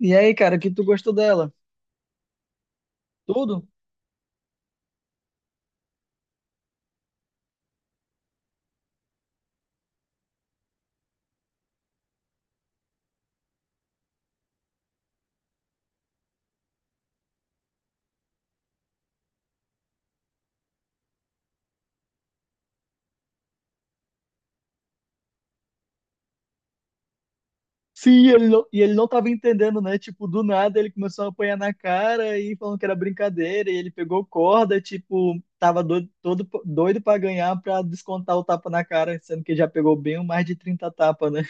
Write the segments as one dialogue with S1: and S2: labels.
S1: E aí, cara, o que tu gostou dela? Tudo? Sim, ele não tava entendendo, né? Tipo, do nada ele começou a apanhar na cara e falando que era brincadeira, e ele pegou corda, tipo, tava doido, todo doido pra ganhar pra descontar o tapa na cara, sendo que já pegou bem mais de 30 tapas, né?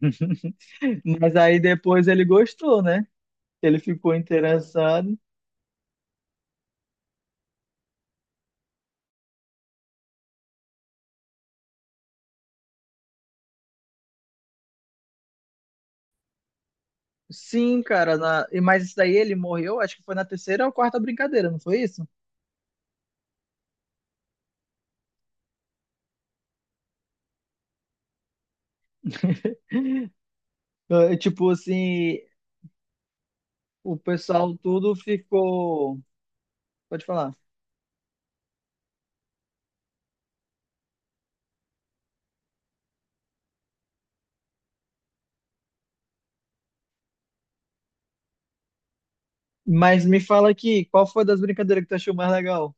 S1: Mas aí depois ele gostou, né? Ele ficou interessado. Sim, cara, mas isso daí ele morreu, acho que foi na terceira ou quarta brincadeira, não foi isso? É, tipo assim, o pessoal tudo ficou. Pode falar. Mas me fala aqui, qual foi das brincadeiras que tu achou mais legal?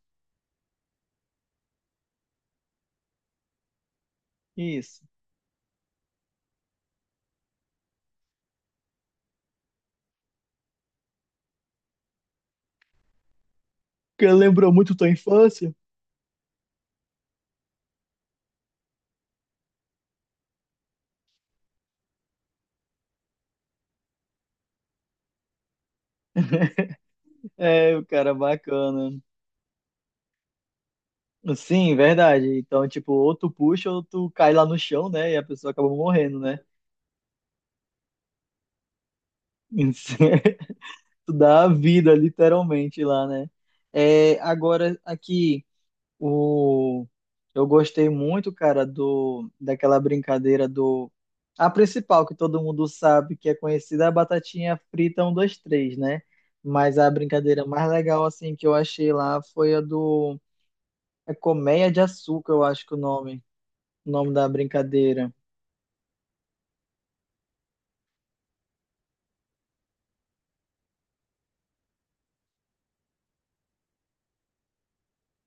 S1: Isso. Que lembrou muito tua infância? É, o cara bacana. Sim, verdade. Então, tipo, ou tu puxa ou tu cai lá no chão, né? E a pessoa acaba morrendo, né? Isso. É, tu dá a vida, literalmente, lá, né? É, agora, aqui. O... Eu gostei muito, cara, do daquela brincadeira. Do. A principal que todo mundo sabe, que é conhecida, é a batatinha frita um 2 três, né? Mas a brincadeira mais legal, assim, que eu achei lá foi a do. É Colmeia de Açúcar, eu acho que é o nome da brincadeira.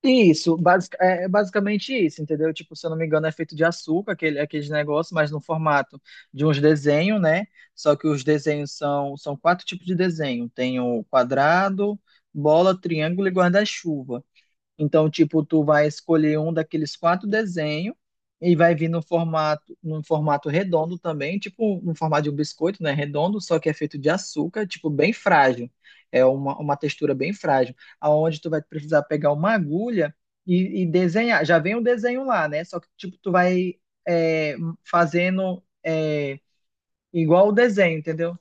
S1: Isso, basic, é é basicamente isso, entendeu? Tipo, se eu não me engano, é feito de açúcar, aqueles negócios, mas no formato de uns desenhos, né? Só que os desenhos são quatro tipos de desenho. Tem o quadrado, bola, triângulo e guarda-chuva. Então, tipo, tu vai escolher um daqueles quatro desenhos e vai vir no formato, num formato redondo também, tipo no formato de um biscoito, né? Redondo, só que é feito de açúcar, tipo, bem frágil. É uma textura bem frágil, aonde tu vai precisar pegar uma agulha e desenhar. Já vem o desenho lá, né? Só que, tipo, tu vai é, fazendo igual o desenho, entendeu?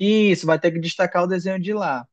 S1: Isso, vai ter que destacar o desenho de lá.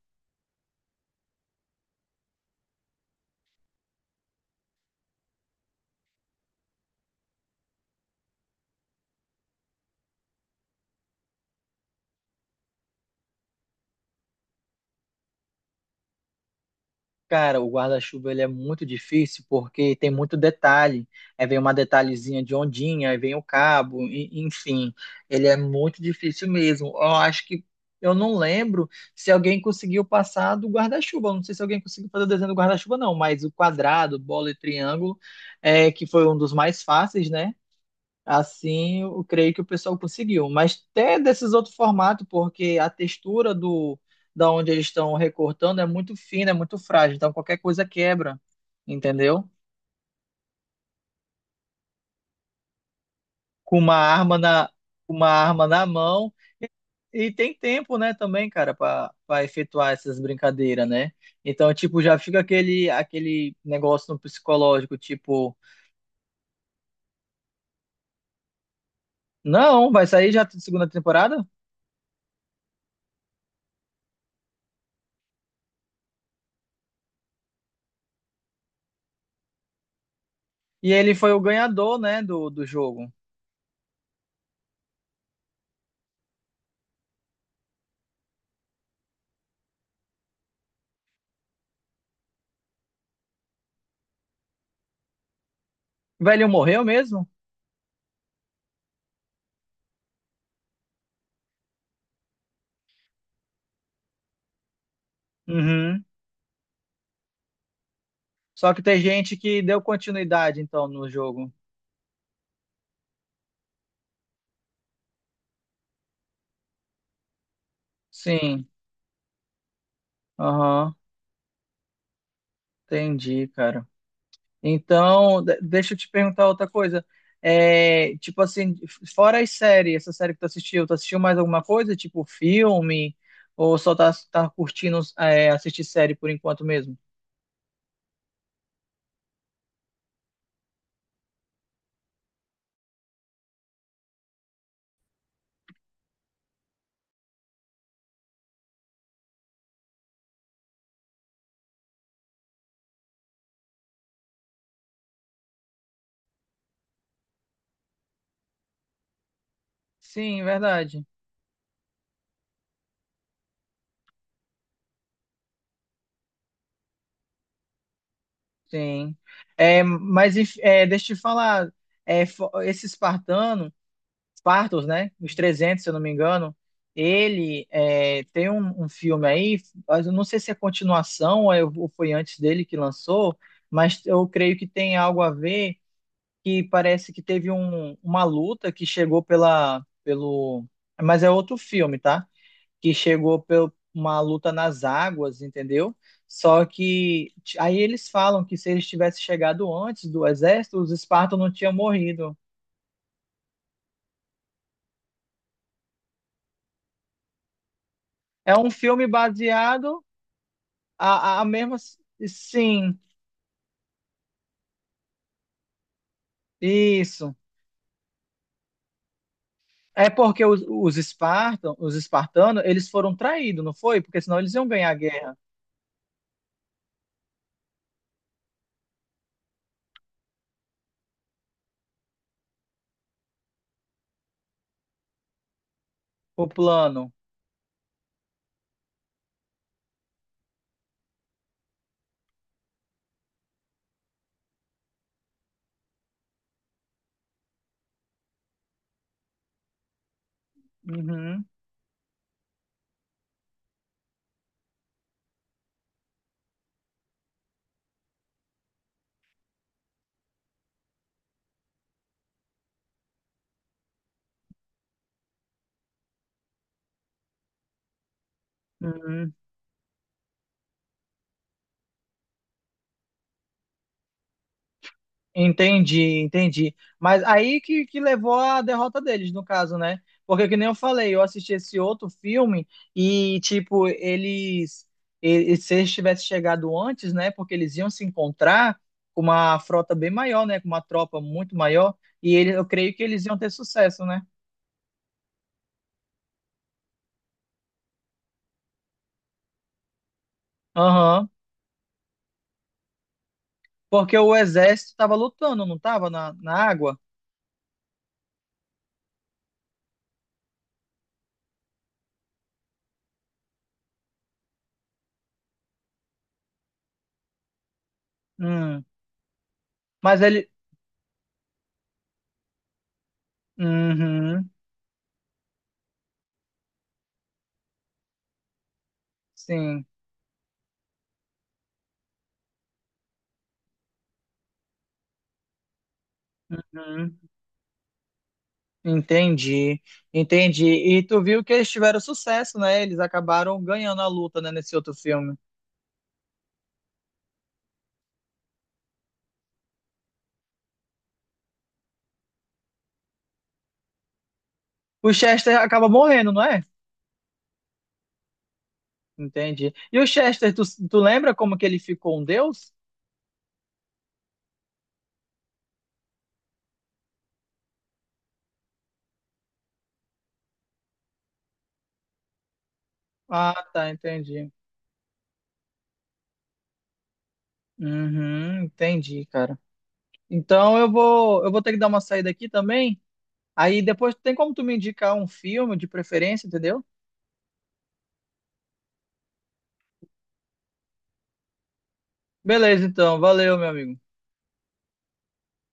S1: Cara, o guarda-chuva ele é muito difícil porque tem muito detalhe. Aí vem uma detalhezinha de ondinha, aí vem o cabo, enfim, ele é muito difícil mesmo. Eu acho que eu não lembro se alguém conseguiu passar do guarda-chuva. Eu não sei se alguém conseguiu fazer o desenho do guarda-chuva, não, mas o quadrado, bola e triângulo, que foi um dos mais fáceis, né? Assim, eu creio que o pessoal conseguiu. Mas até desses outros formatos, porque a textura do da onde eles estão recortando é muito fina, é muito frágil. Então qualquer coisa quebra, entendeu? Com uma arma na com uma arma na mão e tem tempo, né, também, cara, para efetuar essas brincadeiras, né? Então, tipo, já fica aquele negócio no psicológico, tipo. Não, vai sair já a segunda temporada? E ele foi o ganhador, né, do jogo. O velho morreu mesmo? Uhum. Só que tem gente que deu continuidade, então, no jogo. Sim, aham, entendi, cara. Então, deixa eu te perguntar outra coisa. É, tipo assim, fora as séries, essa série que tu assistiu mais alguma coisa? Tipo filme? Ou só tá curtindo assistir série por enquanto mesmo? Sim, verdade. Sim. É, deixa eu te falar, esse espartano. Spartacus, né? Os 300, se eu não me engano. Tem um filme aí, mas eu não sei se é continuação ou foi antes dele que lançou, mas eu creio que tem algo a ver que parece que teve uma luta que chegou pelo, mas é outro filme, tá? Que chegou por uma luta nas águas, entendeu? Só que aí eles falam que se eles tivessem chegado antes do exército, os espartanos não tinham morrido. É um filme baseado. A mesma, sim, isso. É porque os espartanos, eles foram traídos, não foi? Porque senão eles iam ganhar a guerra, o plano. Uhum, uhum. Entendi, entendi. Mas aí que levou à derrota deles, no caso, né? Porque, que nem eu falei, eu assisti esse outro filme e, tipo, eles. E se eles tivessem chegado antes, né? Porque eles iam se encontrar com uma frota bem maior, né? Com uma tropa muito maior. Eu creio que eles iam ter sucesso, né? Aham. Porque o exército estava lutando, não estava na água? Hum. Mas ele. Uhum. Sim. Uhum. Entendi, entendi. E tu viu que eles tiveram sucesso, né? Eles acabaram ganhando a luta, né, nesse outro filme. O Chester acaba morrendo, não é? Entendi. E o Chester, tu lembra como que ele ficou um deus? Ah, tá, entendi. Uhum, entendi, cara. Então eu vou ter que dar uma saída aqui também. Aí depois tem como tu me indicar um filme de preferência, entendeu? Beleza, então. Valeu, meu amigo.